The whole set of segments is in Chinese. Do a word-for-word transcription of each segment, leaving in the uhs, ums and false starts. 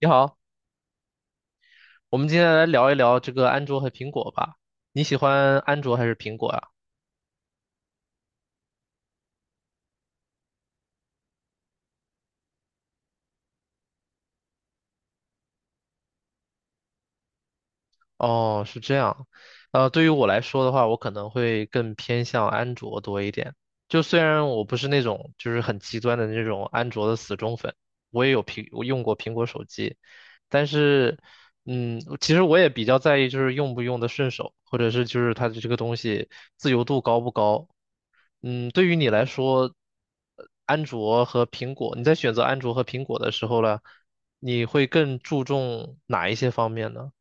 你好，我们今天来聊一聊这个安卓和苹果吧。你喜欢安卓还是苹果呀？哦，是这样。呃，对于我来说的话，我可能会更偏向安卓多一点。就虽然我不是那种就是很极端的那种安卓的死忠粉，我也有苹，我用过苹果手机，但是，嗯，其实我也比较在意就是用不用得顺手，或者是就是它的这个东西自由度高不高。嗯，对于你来说，呃安卓和苹果，你在选择安卓和苹果的时候呢，你会更注重哪一些方面呢？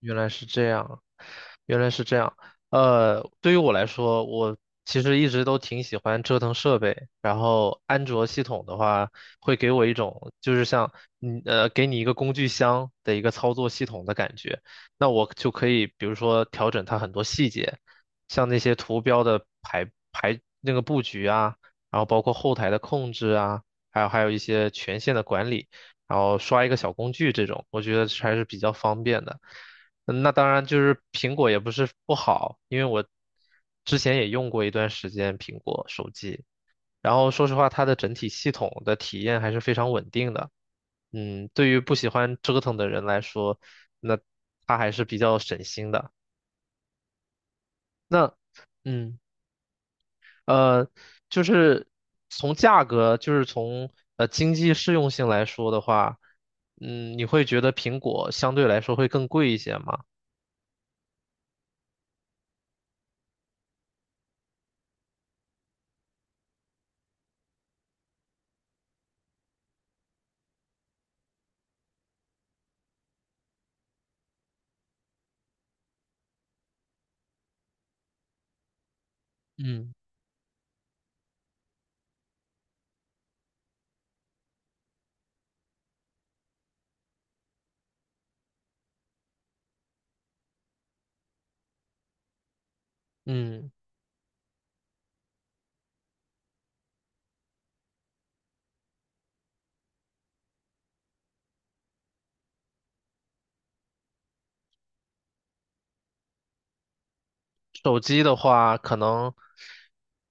原来是这样，原来是这样。呃，对于我来说，我其实一直都挺喜欢折腾设备。然后安卓系统的话，会给我一种就是像你呃，给你一个工具箱的一个操作系统的感觉。那我就可以，比如说调整它很多细节，像那些图标的排排那个布局啊，然后包括后台的控制啊，还有还有一些权限的管理，然后刷一个小工具这种，我觉得还是比较方便的。嗯那当然就是苹果也不是不好，因为我之前也用过一段时间苹果手机，然后说实话，它的整体系统的体验还是非常稳定的。嗯，对于不喜欢折腾的人来说，那它还是比较省心的。那嗯呃，就是从价格，就是从呃经济适用性来说的话，嗯，你会觉得苹果相对来说会更贵一些吗？嗯嗯。手机的话，可能，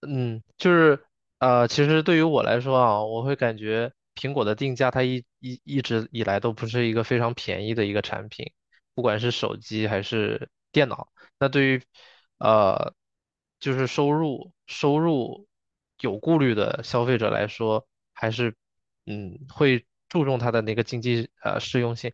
嗯，就是呃，其实对于我来说啊，我会感觉苹果的定价它一一一直以来都不是一个非常便宜的一个产品，不管是手机还是电脑。那对于呃，就是收入收入有顾虑的消费者来说，还是嗯会注重它的那个经济呃适用性。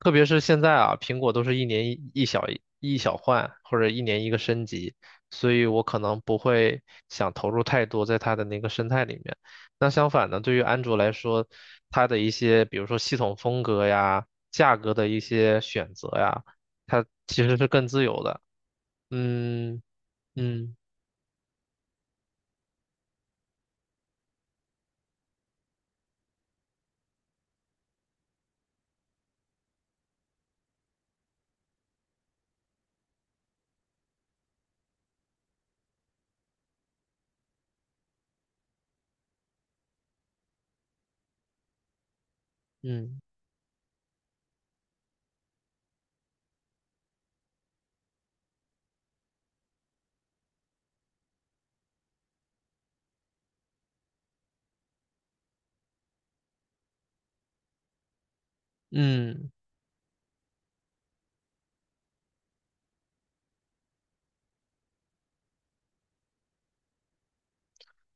特别是现在啊，苹果都是一年一一小一小换，或者一年一个升级，所以我可能不会想投入太多在它的那个生态里面。那相反呢，对于安卓来说，它的一些比如说系统风格呀、价格的一些选择呀，它其实是更自由的。嗯嗯嗯嗯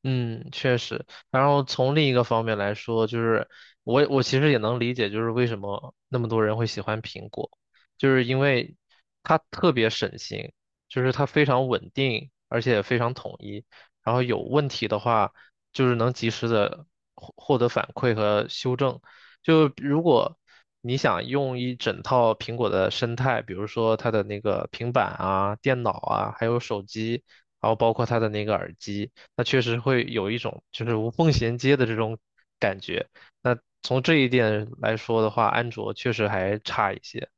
嗯，确实。然后从另一个方面来说，就是我我其实也能理解，就是为什么那么多人会喜欢苹果，就是因为它特别省心，就是它非常稳定，而且非常统一。然后有问题的话，就是能及时的获获得反馈和修正。就如果你想用一整套苹果的生态，比如说它的那个平板啊、电脑啊，还有手机，然后包括它的那个耳机。那确实会有一种就是无缝衔接的这种感觉。那从这一点来说的话，安卓确实还差一些。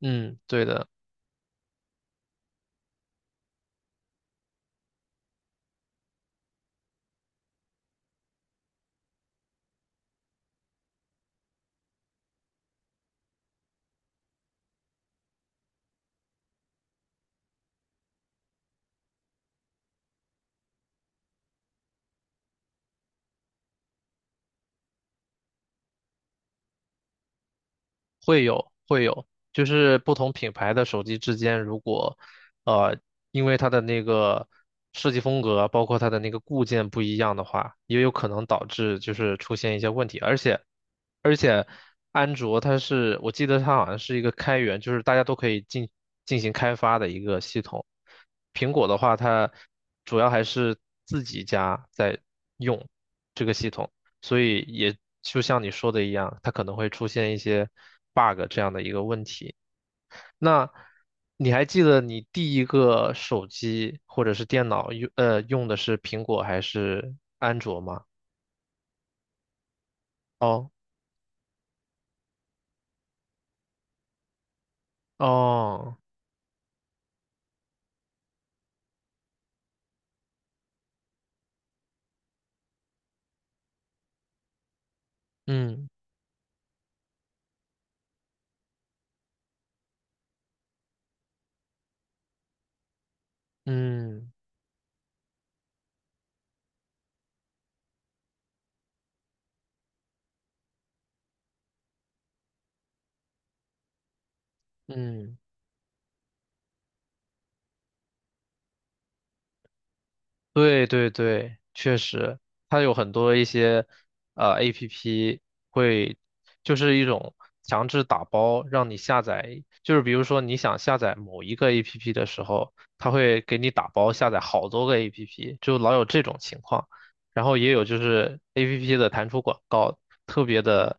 嗯，对的，会有会有，就是不同品牌的手机之间，如果呃因为它的那个设计风格，包括它的那个固件不一样的话，也有可能导致就是出现一些问题。而且而且安卓它是，我记得它好像是一个开源，就是大家都可以进进行开发的一个系统。苹果的话，它主要还是自己家在用这个系统，所以也就像你说的一样，它可能会出现一些 bug 这样的一个问题。那你还记得你第一个手机或者是电脑用呃用的是苹果还是安卓吗？哦哦，嗯嗯。嗯，对对对，确实，它有很多一些呃 A P P 会，就是一种强制打包，让你下载，就是比如说你想下载某一个 A P P 的时候，它会给你打包下载好多个 A P P，就老有这种情况。然后也有就是 A P P 的弹出广告，特别的，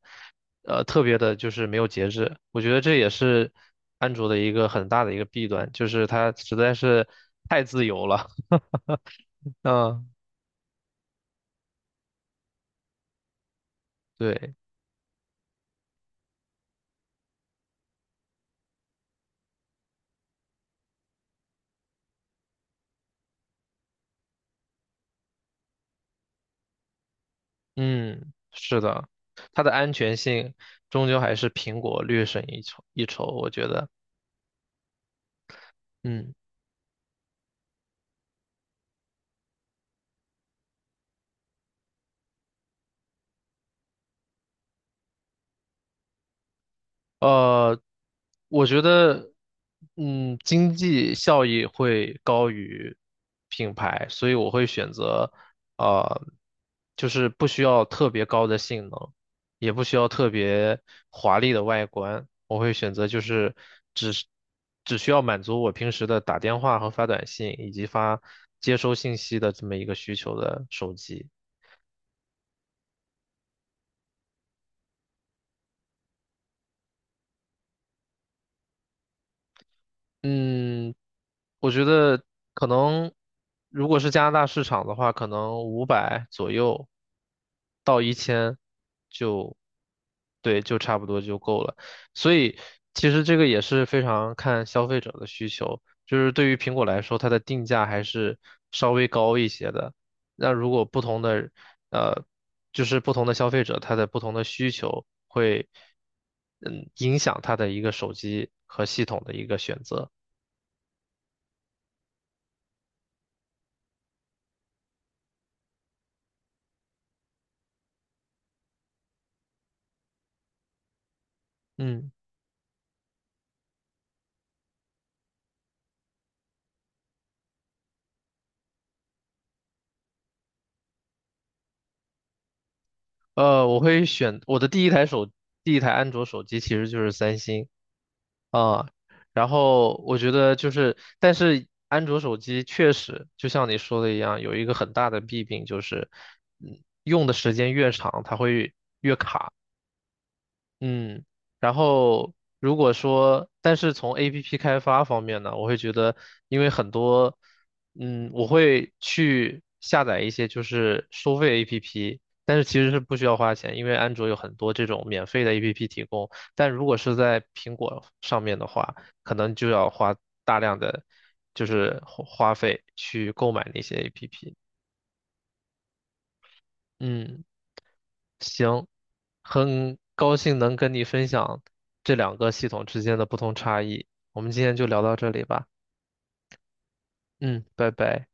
呃，特别的就是没有节制。我觉得这也是安卓的一个很大的一个弊端，就是它实在是太自由了。嗯，对，嗯，是的，它的安全性终究还是苹果略胜一筹一筹，我觉得，嗯。呃，我觉得，嗯，经济效益会高于品牌，所以我会选择，呃，就是不需要特别高的性能，也不需要特别华丽的外观，我会选择就是只是只需要满足我平时的打电话和发短信以及发接收信息的这么一个需求的手机。嗯，我觉得可能如果是加拿大市场的话，可能五百左右到一千就，对，就差不多就够了。所以其实这个也是非常看消费者的需求，就是对于苹果来说，它的定价还是稍微高一些的。那如果不同的呃，就是不同的消费者，他的不同的需求会嗯影响他的一个手机和系统的一个选择。嗯，呃，我会选我的第一台手，第一台安卓手机其实就是三星啊，然后我觉得就是，但是安卓手机确实就像你说的一样，有一个很大的弊病就是，嗯，用的时间越长，它会嗯，然后如果说，但是从 A P P 开发方面呢，我会觉得，因为很多，嗯，我会去下载一些就是收费 A P P，但是其实是不需要花钱，因为安卓有很多这种免费的 A P P 提供，但如果是在苹果上面的话，可能就要花大量的就是花花费去购买那些 A P P。嗯行，很高兴能跟你分享这两个系统之间的不同差异。我们今天就聊到这里吧。嗯，拜拜。